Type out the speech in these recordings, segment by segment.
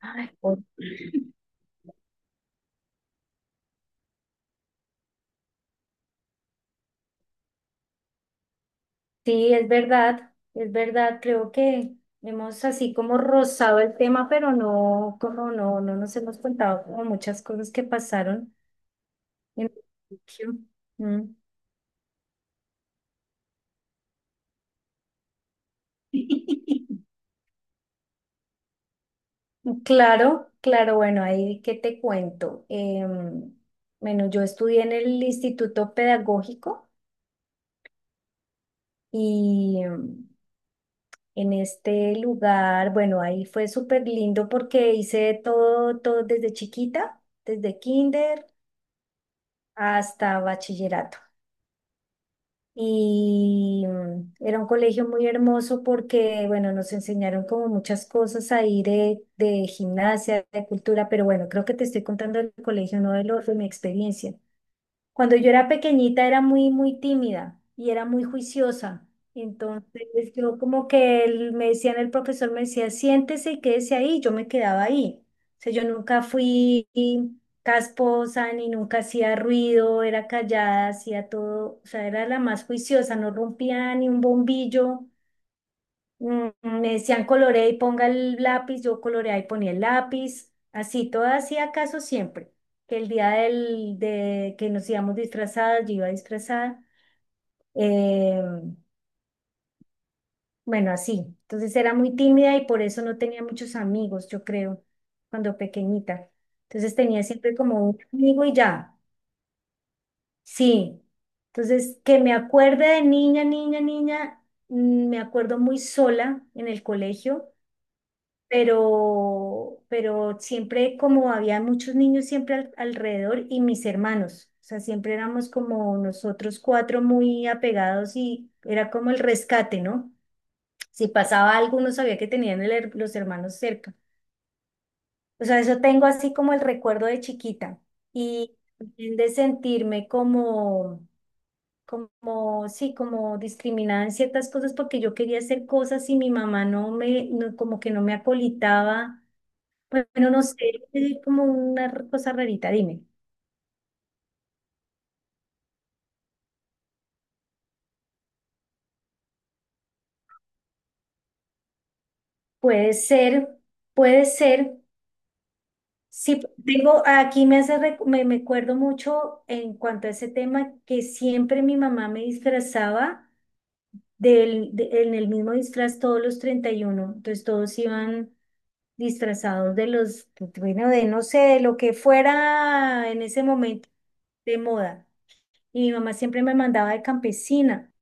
Ay. Sí, es verdad, creo que hemos así como rozado el tema, pero no, como no nos hemos contado como muchas cosas que pasaron en el colegio. Mm. Claro, claro, bueno, ahí qué te cuento. Bueno, yo estudié en el Instituto Pedagógico y, en este lugar. Bueno, ahí fue súper lindo porque hice todo, todo desde chiquita, desde kinder hasta bachillerato. Era un colegio muy hermoso porque, bueno, nos enseñaron como muchas cosas ahí de gimnasia, de cultura, pero bueno, creo que te estoy contando el colegio, no de mi experiencia. Cuando yo era pequeñita era muy, muy tímida y era muy juiciosa. Entonces yo como que me decían, el profesor me decía, siéntese y quédese ahí. Yo me quedaba ahí. O sea, yo nunca fui casposa ni nunca hacía ruido, era callada, hacía todo. O sea, era la más juiciosa, no rompía ni un bombillo. Me decían colorea y ponga el lápiz, yo coloreaba y ponía el lápiz, así, todo hacía caso siempre. Que el día del, de que nos íbamos disfrazadas, yo iba disfrazada. eh, bueno, así. Entonces era muy tímida y por eso no tenía muchos amigos, yo creo, cuando pequeñita. Entonces tenía siempre como un amigo y ya. Sí. Entonces, que me acuerde de niña, niña, niña, me acuerdo muy sola en el colegio pero siempre como había muchos niños siempre alrededor y mis hermanos, o sea, siempre éramos como nosotros cuatro muy apegados y era como el rescate, ¿no? Si pasaba algo, uno sabía que tenían el los hermanos cerca. O sea, eso tengo así como el recuerdo de chiquita y también de sentirme como, sí, como discriminada en ciertas cosas porque yo quería hacer cosas y mi mamá no me como que no me acolitaba, bueno, no sé, es como una cosa rarita, dime. Puede ser, puede ser. Sí, tengo, aquí me hace, me acuerdo mucho en cuanto a ese tema que siempre mi mamá me disfrazaba en el mismo disfraz todos los 31. Entonces todos iban disfrazados de los, bueno, de no sé, de lo que fuera en ese momento de moda. Y mi mamá siempre me mandaba de campesina.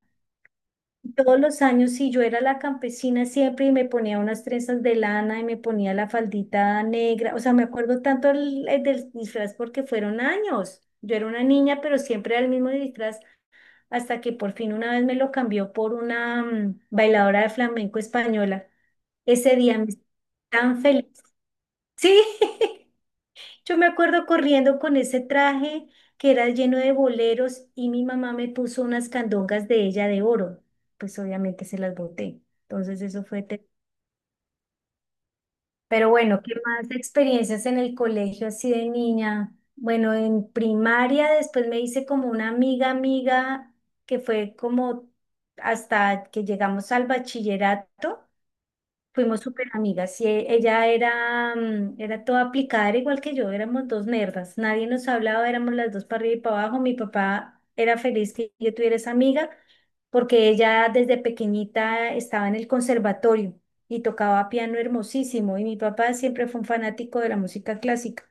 Todos los años, sí, yo era la campesina siempre y me ponía unas trenzas de lana y me ponía la faldita negra. O sea, me acuerdo tanto el del disfraz porque fueron años. Yo era una niña, pero siempre era el mismo disfraz hasta que por fin una vez me lo cambió por una bailadora de flamenco española. Ese día me sentí tan feliz. Sí. Yo me acuerdo corriendo con ese traje que era lleno de boleros y mi mamá me puso unas candongas de ella de oro. Pues obviamente se las boté. Entonces eso fue. Pero bueno, ¿qué más experiencias en el colegio así de niña? Bueno, en primaria después me hice como una amiga amiga que fue como hasta que llegamos al bachillerato. Fuimos súper amigas y ella era, era toda aplicada, era igual que yo, éramos dos nerdas, nadie nos hablaba, éramos las dos para arriba y para abajo. Mi papá era feliz que yo tuviera esa amiga porque ella desde pequeñita estaba en el conservatorio y tocaba piano hermosísimo y mi papá siempre fue un fanático de la música clásica.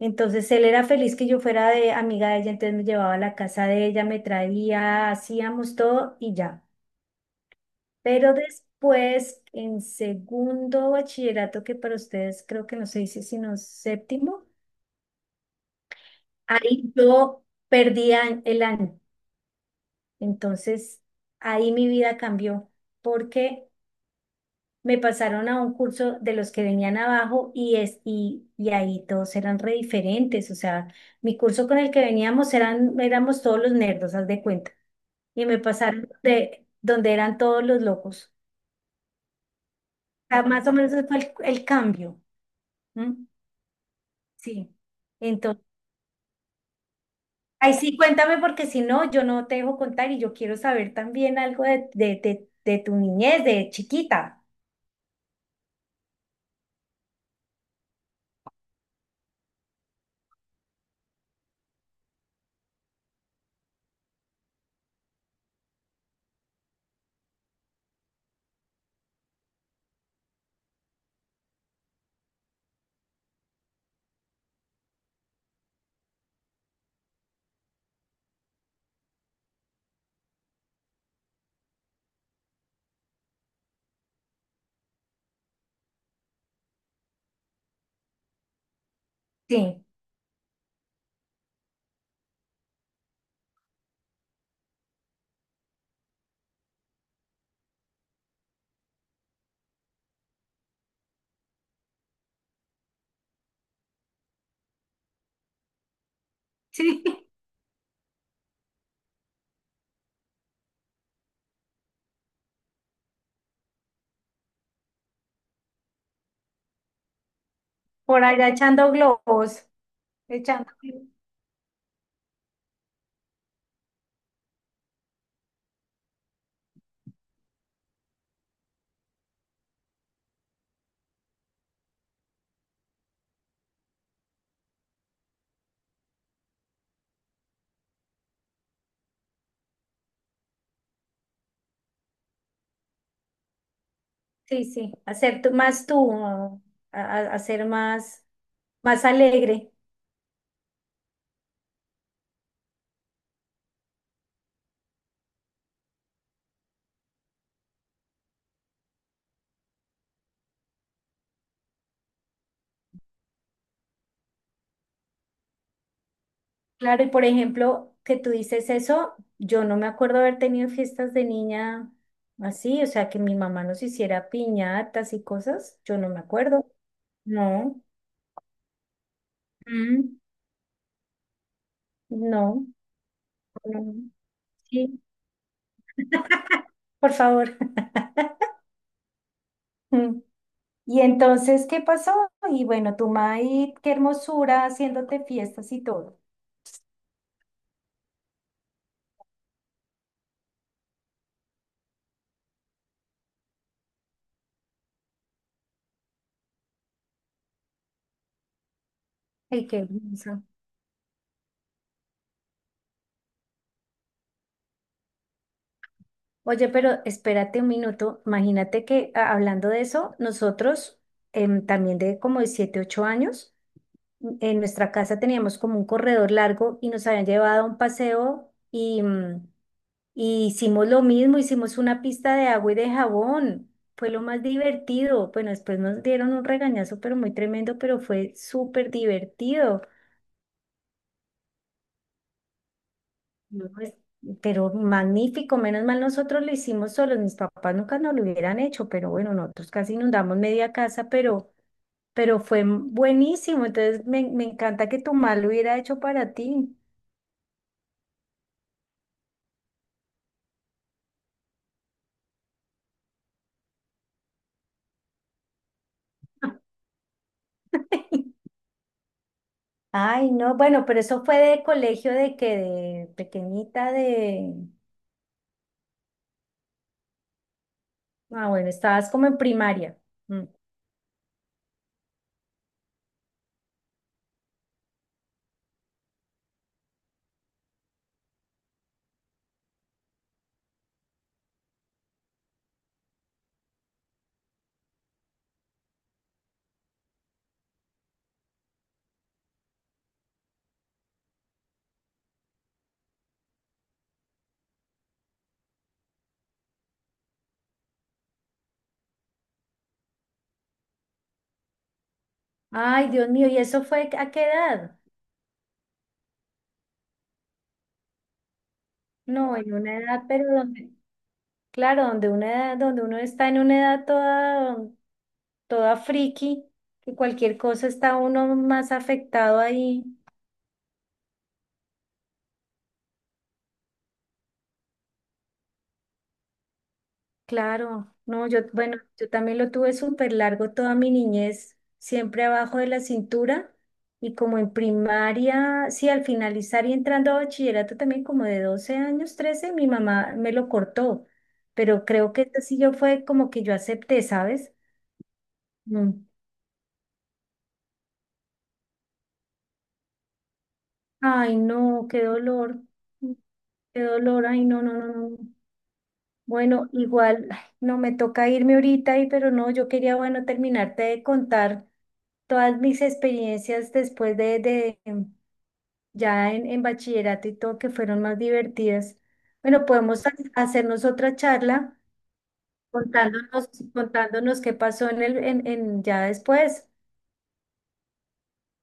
Entonces él era feliz que yo fuera de amiga de ella, entonces me llevaba a la casa de ella, me traía, hacíamos todo y ya. Pero después, en segundo bachillerato, que para ustedes creo que no se dice sino séptimo, ahí yo perdí el año. Entonces, ahí mi vida cambió porque me pasaron a un curso de los que venían abajo y ahí todos eran re diferentes. O sea, mi curso con el que veníamos eran, éramos todos los nerdos, haz de cuenta. Y me pasaron de donde eran todos los locos. O sea, más o menos ese fue el cambio. ¿M? Sí. Entonces, ahí sí, cuéntame porque si no, yo no te dejo contar y yo quiero saber también algo de tu niñez, de chiquita. Sí, sí. Por allá echando globos, echando. Sí, sí, hacer más tú, ah, hacer más, más alegre. Claro, y por ejemplo, que tú dices eso, yo no me acuerdo haber tenido fiestas de niña así, o sea, que mi mamá nos hiciera piñatas y cosas, yo no me acuerdo. No. Mm. No, no, no. Sí, por favor. Mm. Y entonces, ¿qué pasó? Y bueno, tu maíz, qué hermosura, haciéndote fiestas y todo. Ay, qué hermoso. Oye, pero espérate un minuto. Imagínate que hablando de eso, nosotros también de como de 7, 8 años, en nuestra casa teníamos como un corredor largo y nos habían llevado a un paseo. Y hicimos lo mismo, hicimos una pista de agua y de jabón. Fue lo más divertido. Bueno, después nos dieron un regañazo, pero muy tremendo, pero fue súper divertido. No, pues, pero magnífico, menos mal nosotros lo hicimos solos. Mis papás nunca nos lo hubieran hecho, pero bueno, nosotros casi inundamos media casa, pero fue buenísimo. Entonces me encanta que tu mamá lo hubiera hecho para ti. Ay, no, bueno, pero eso fue de colegio de que de pequeñita de... Ah, bueno, estabas como en primaria. Mm. Ay, Dios mío, ¿y eso fue a qué edad? No, en una edad, pero donde, claro, donde una edad, donde uno está en una edad toda, toda friki, que cualquier cosa está uno más afectado ahí. Claro, no, yo, bueno, yo también lo tuve súper largo toda mi niñez, siempre abajo de la cintura y como en primaria, sí, al finalizar y entrando a bachillerato también como de 12 años, 13 mi mamá me lo cortó, pero creo que esto sí yo fue como que yo acepté, ¿sabes? Mm. Ay, no, qué dolor, mm, qué dolor, ay, no, no, no, no. Bueno, igual, ay, no me toca irme ahorita, y, pero no, yo quería, bueno, terminarte de contar todas mis experiencias después de ya en, bachillerato y todo que fueron más divertidas. Bueno, podemos hacernos otra charla contándonos, contándonos, qué pasó en el, en ya después.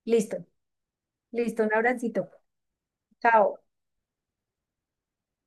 Listo, listo, un abracito. Chao.